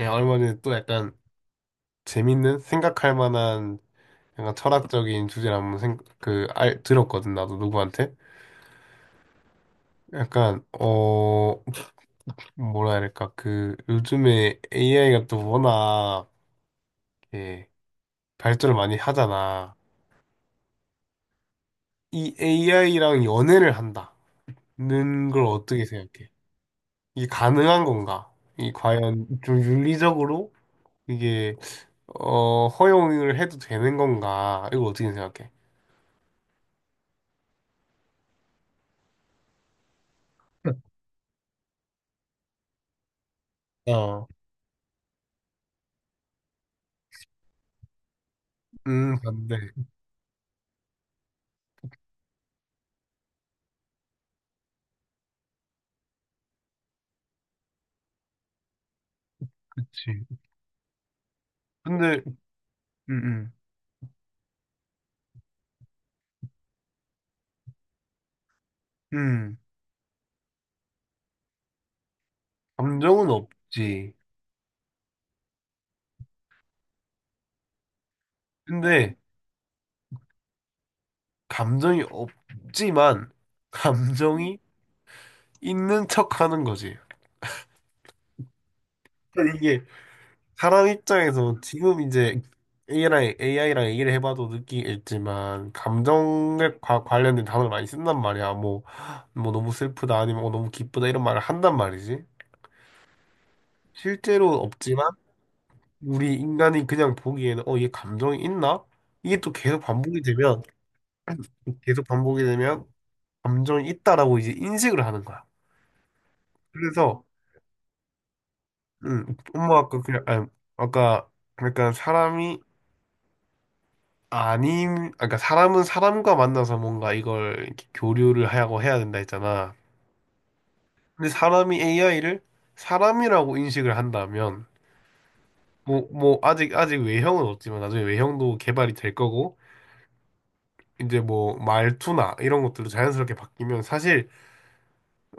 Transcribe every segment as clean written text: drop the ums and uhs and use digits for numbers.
예 얼마는 또 약간 재밌는 생각할 만한 약간 철학적인 주제를 한번 들었거든, 나도 누구한테. 약간, 뭐라 해야 될까, 요즘에 AI가 또 워낙, 예 발전을 많이 하잖아. 이 AI랑 연애를 한다는 걸 어떻게 생각해? 이게 가능한 건가? 이 과연 좀 윤리적으로 이게, 허용을 해도 되는 건가? 이거 어떻게 생각해? 어, 반대. 그치. 근데, 음, 음, 음. 감정은 없지. 근데, 감정이 없지만, 감정이 있는 척 하는 거지. 근데 이게, 사람 입장에서 지금 이제 AI랑, AI랑 얘기를 해봐도 느끼겠지만, 감정에 관련된 단어를 많이 쓴단 말이야. 뭐, 너무 슬프다, 아니면 너무 기쁘다, 이런 말을 한단 말이지. 실제로 없지만, 우리 인간이 그냥 보기에는, 얘 감정이 있나? 이게 또 계속 반복이 되면 감정이 있다라고 이제 인식을 하는 거야. 그래서 음, 엄마 아까 그냥 아니, 아까 그러니까 사람이 그러니까 사람은 사람과 만나서 뭔가 이걸 이렇게 교류를 하고 해야 된다 했잖아. 근데 사람이 AI를 사람이라고 인식을 한다면 뭐 아직 외형은 없지만 나중에 외형도 개발이 될 거고 이제 뭐 말투나 이런 것들도 자연스럽게 바뀌면 사실,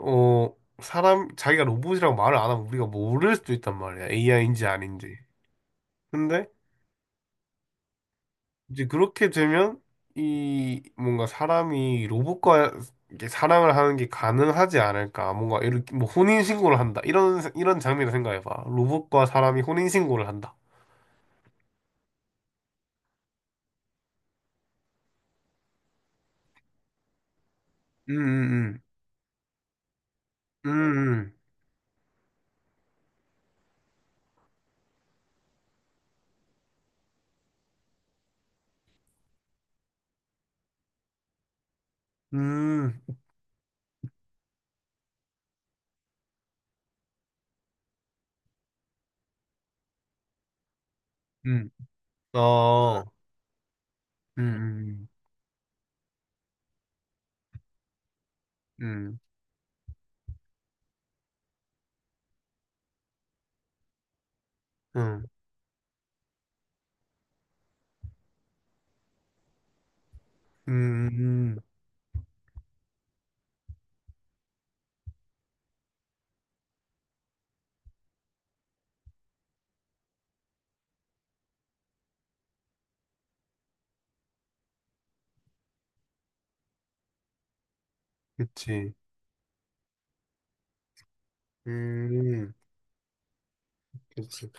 어, 자기가 로봇이라고 말을 안 하면 우리가 모를 수도 있단 말이야. AI인지 아닌지. 근데 이제 그렇게 되면 이 뭔가 사람이 로봇과 이렇게 사랑을 하는 게 가능하지 않을까. 뭔가 이렇게 뭐 혼인신고를 한다. 이런, 이런 장면을 생각해봐. 로봇과 사람이 혼인신고를 한다. 음, 음, 음, 음, 음, 음, 어, 음, 음, 음. 음. 음, 음, 음, 그치. 음, 그치.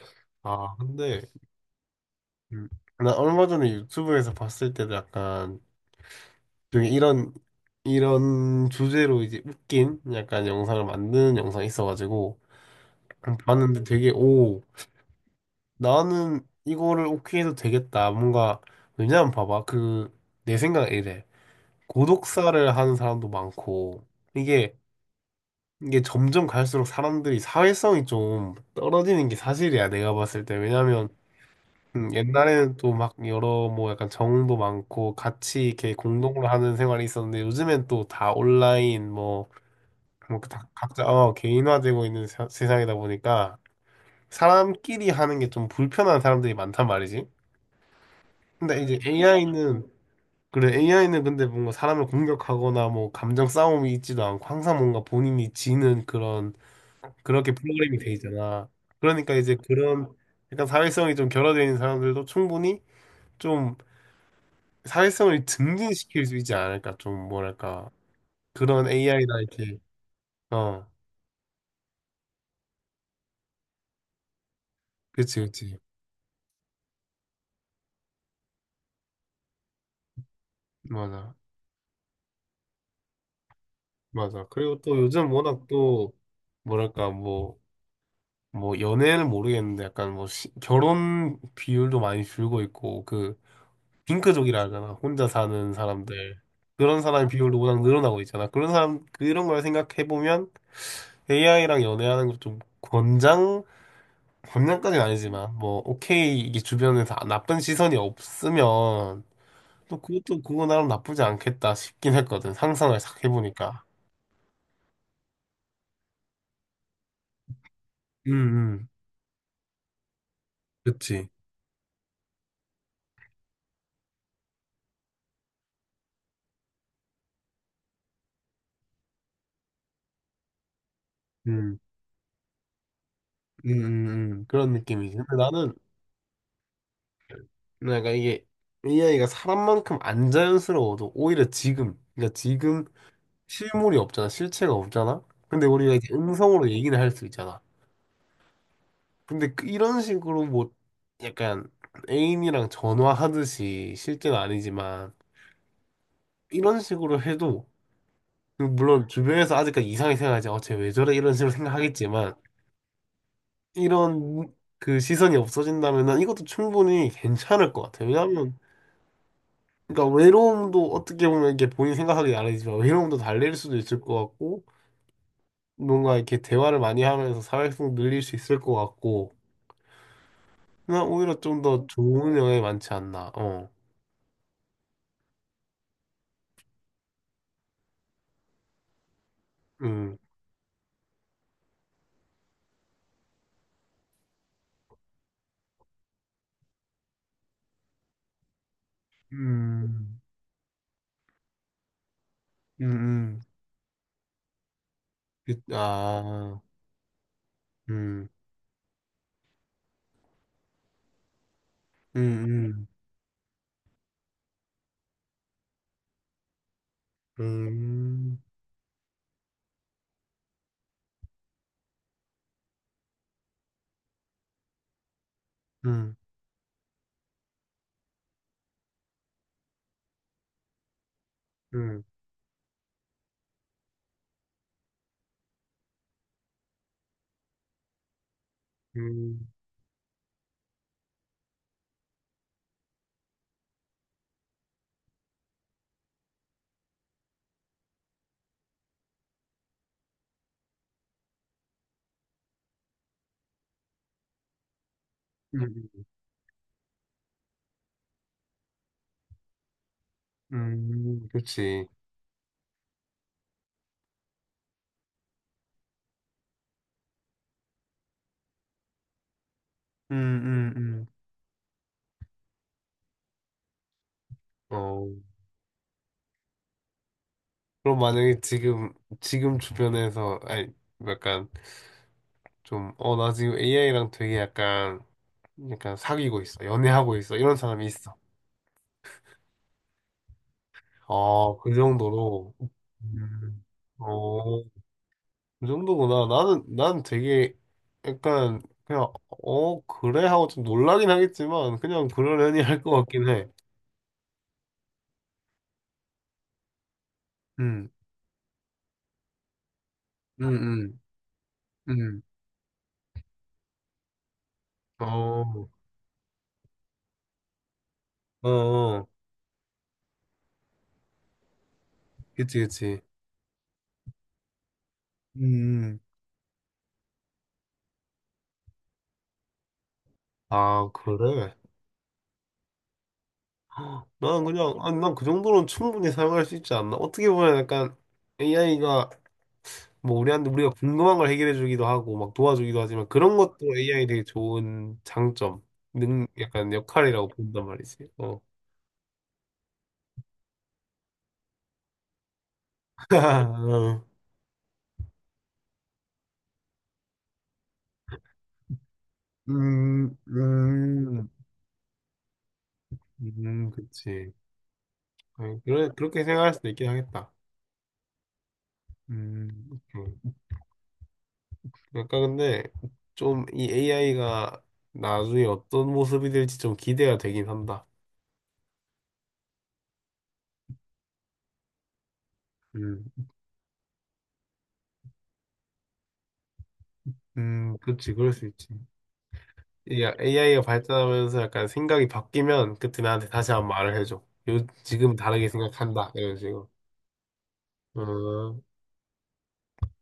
아, 근데 음. 나 얼마 전에 유튜브에서 봤을 때도 약간 중에 이런 주제로 이제 웃긴 약간 영상을 만드는 영상이 있어가지고 봤는데 되게 오 나는 이거를 오케이 해도 되겠다. 뭔가 왜냐면 봐봐 그 내 생각은 이래, 고독사를 하는 사람도 많고 이게 이게 점점 갈수록 사람들이 사회성이 좀 떨어지는 게 사실이야 내가 봤을 때. 왜냐면 옛날에는 또 막 여러 뭐 약간 정도 많고 같이 이렇게 공동으로 하는 생활이 있었는데 요즘엔 또 다 온라인 뭐, 뭐다 각자 개인화되고 있는 세상이다 보니까 사람끼리 하는 게 좀 불편한 사람들이 많단 말이지. 근데 이제 AI는, 그래, AI는 근데 뭔가 사람을 공격하거나 뭐 감정 싸움이 있지도 않고 항상 뭔가 본인이 지는 그런, 그렇게 프로그램이 돼 있잖아. 그러니까 이제 그런 약간 사회성이 좀 결여되어 있는 사람들도 충분히 좀 사회성을 증진시킬 수 있지 않을까? 좀 뭐랄까 그런 AI나 이렇게 어, 그치, 그치. 맞아, 맞아. 그리고 또 요즘 워낙 또 뭐랄까 뭐 연애는 모르겠는데 약간 뭐 결혼 비율도 많이 줄고 있고 그 핑크족이라 하잖아, 혼자 사는 사람들. 그런 사람 비율도 워낙 늘어나고 있잖아. 그런 사람 그런 걸 생각해 보면 AI랑 연애하는 거좀 장난까지는 아니지만 뭐 오케이, 이게 주변에서 나쁜 시선이 없으면 또 그것도 그거 나름 나쁘지 않겠다 싶긴 했거든, 상상을 싹 해보니까. 음, 음. 그치. 음, 음, 음, 그런 느낌이지. 근데 나는 내가 이게 AI가 사람만큼 안 자연스러워도 오히려 지금 그러니까 지금 실물이 없잖아, 실체가 없잖아. 근데 우리가 이제 음성으로 얘기를 할 수 있잖아. 근데 이런 식으로 뭐 약간 애인이랑 전화하듯이 실제는 아니지만 이런 식으로 해도 물론 주변에서 아직까지 이상하게 생각하지, 어쟤 왜 저래, 이런 식으로 생각하겠지만 이런 그 시선이 없어진다면은 이것도 충분히 괜찮을 것 같아요. 왜냐하면 그러니까 외로움도 어떻게 보면 이게 본인 생각하기 나름이지만 외로움도 달랠 수도 있을 것 같고 뭔가 이렇게 대화를 많이 하면서 사회성 늘릴 수 있을 것 같고 그냥 오히려 좀 더 좋은 영향이 많지 않나, 어, 음, 음, 음, 음, 아, 음, 음, 음, 음, 음, 음, 음. 음, 음, 음, 그치. 음, 음, 음. 어, 그럼 만약에 지금 주변에서, 아니, 약간 좀, 나 지금 AI랑 되게 약간, 사귀고 있어. 연애하고 있어. 이런 사람이 있어. 어, 그 정도로. 음, 어, 그 정도구나. 난 되게 약간, 그냥, 그래? 하고 좀 놀라긴 하겠지만, 그냥 그러려니 할 것 같긴 해. 음, 음, 음, 음. 어. 어, 어. 그치, 그치. 음, 아, 그래? 난 그냥, 아니, 난 그 정도는 충분히 사용할 수 있지 않나? 어떻게 보면 약간 AI가 뭐 우리한테 우리가 궁금한 걸 해결해 주기도 하고 막 도와주기도 하지만 그런 것도 AI 되게 좋은 장점, 약간 역할이라고 본단 말이지. 어. 음, 음, 그치. 아니, 그래, 그렇게 생각할 수도 있긴 하겠다. 음. 음. 그러니까 근데 좀 이 AI가 나중에 어떤 모습이 될지 좀 기대가 되긴 한다. 음, 그렇지, 그럴 수 있지. AI가 발전하면서 약간 생각이 바뀌면 그때 나한테 다시 한번 말을 해줘. 요, 지금 다르게 생각한다. 이런 식으로. 음.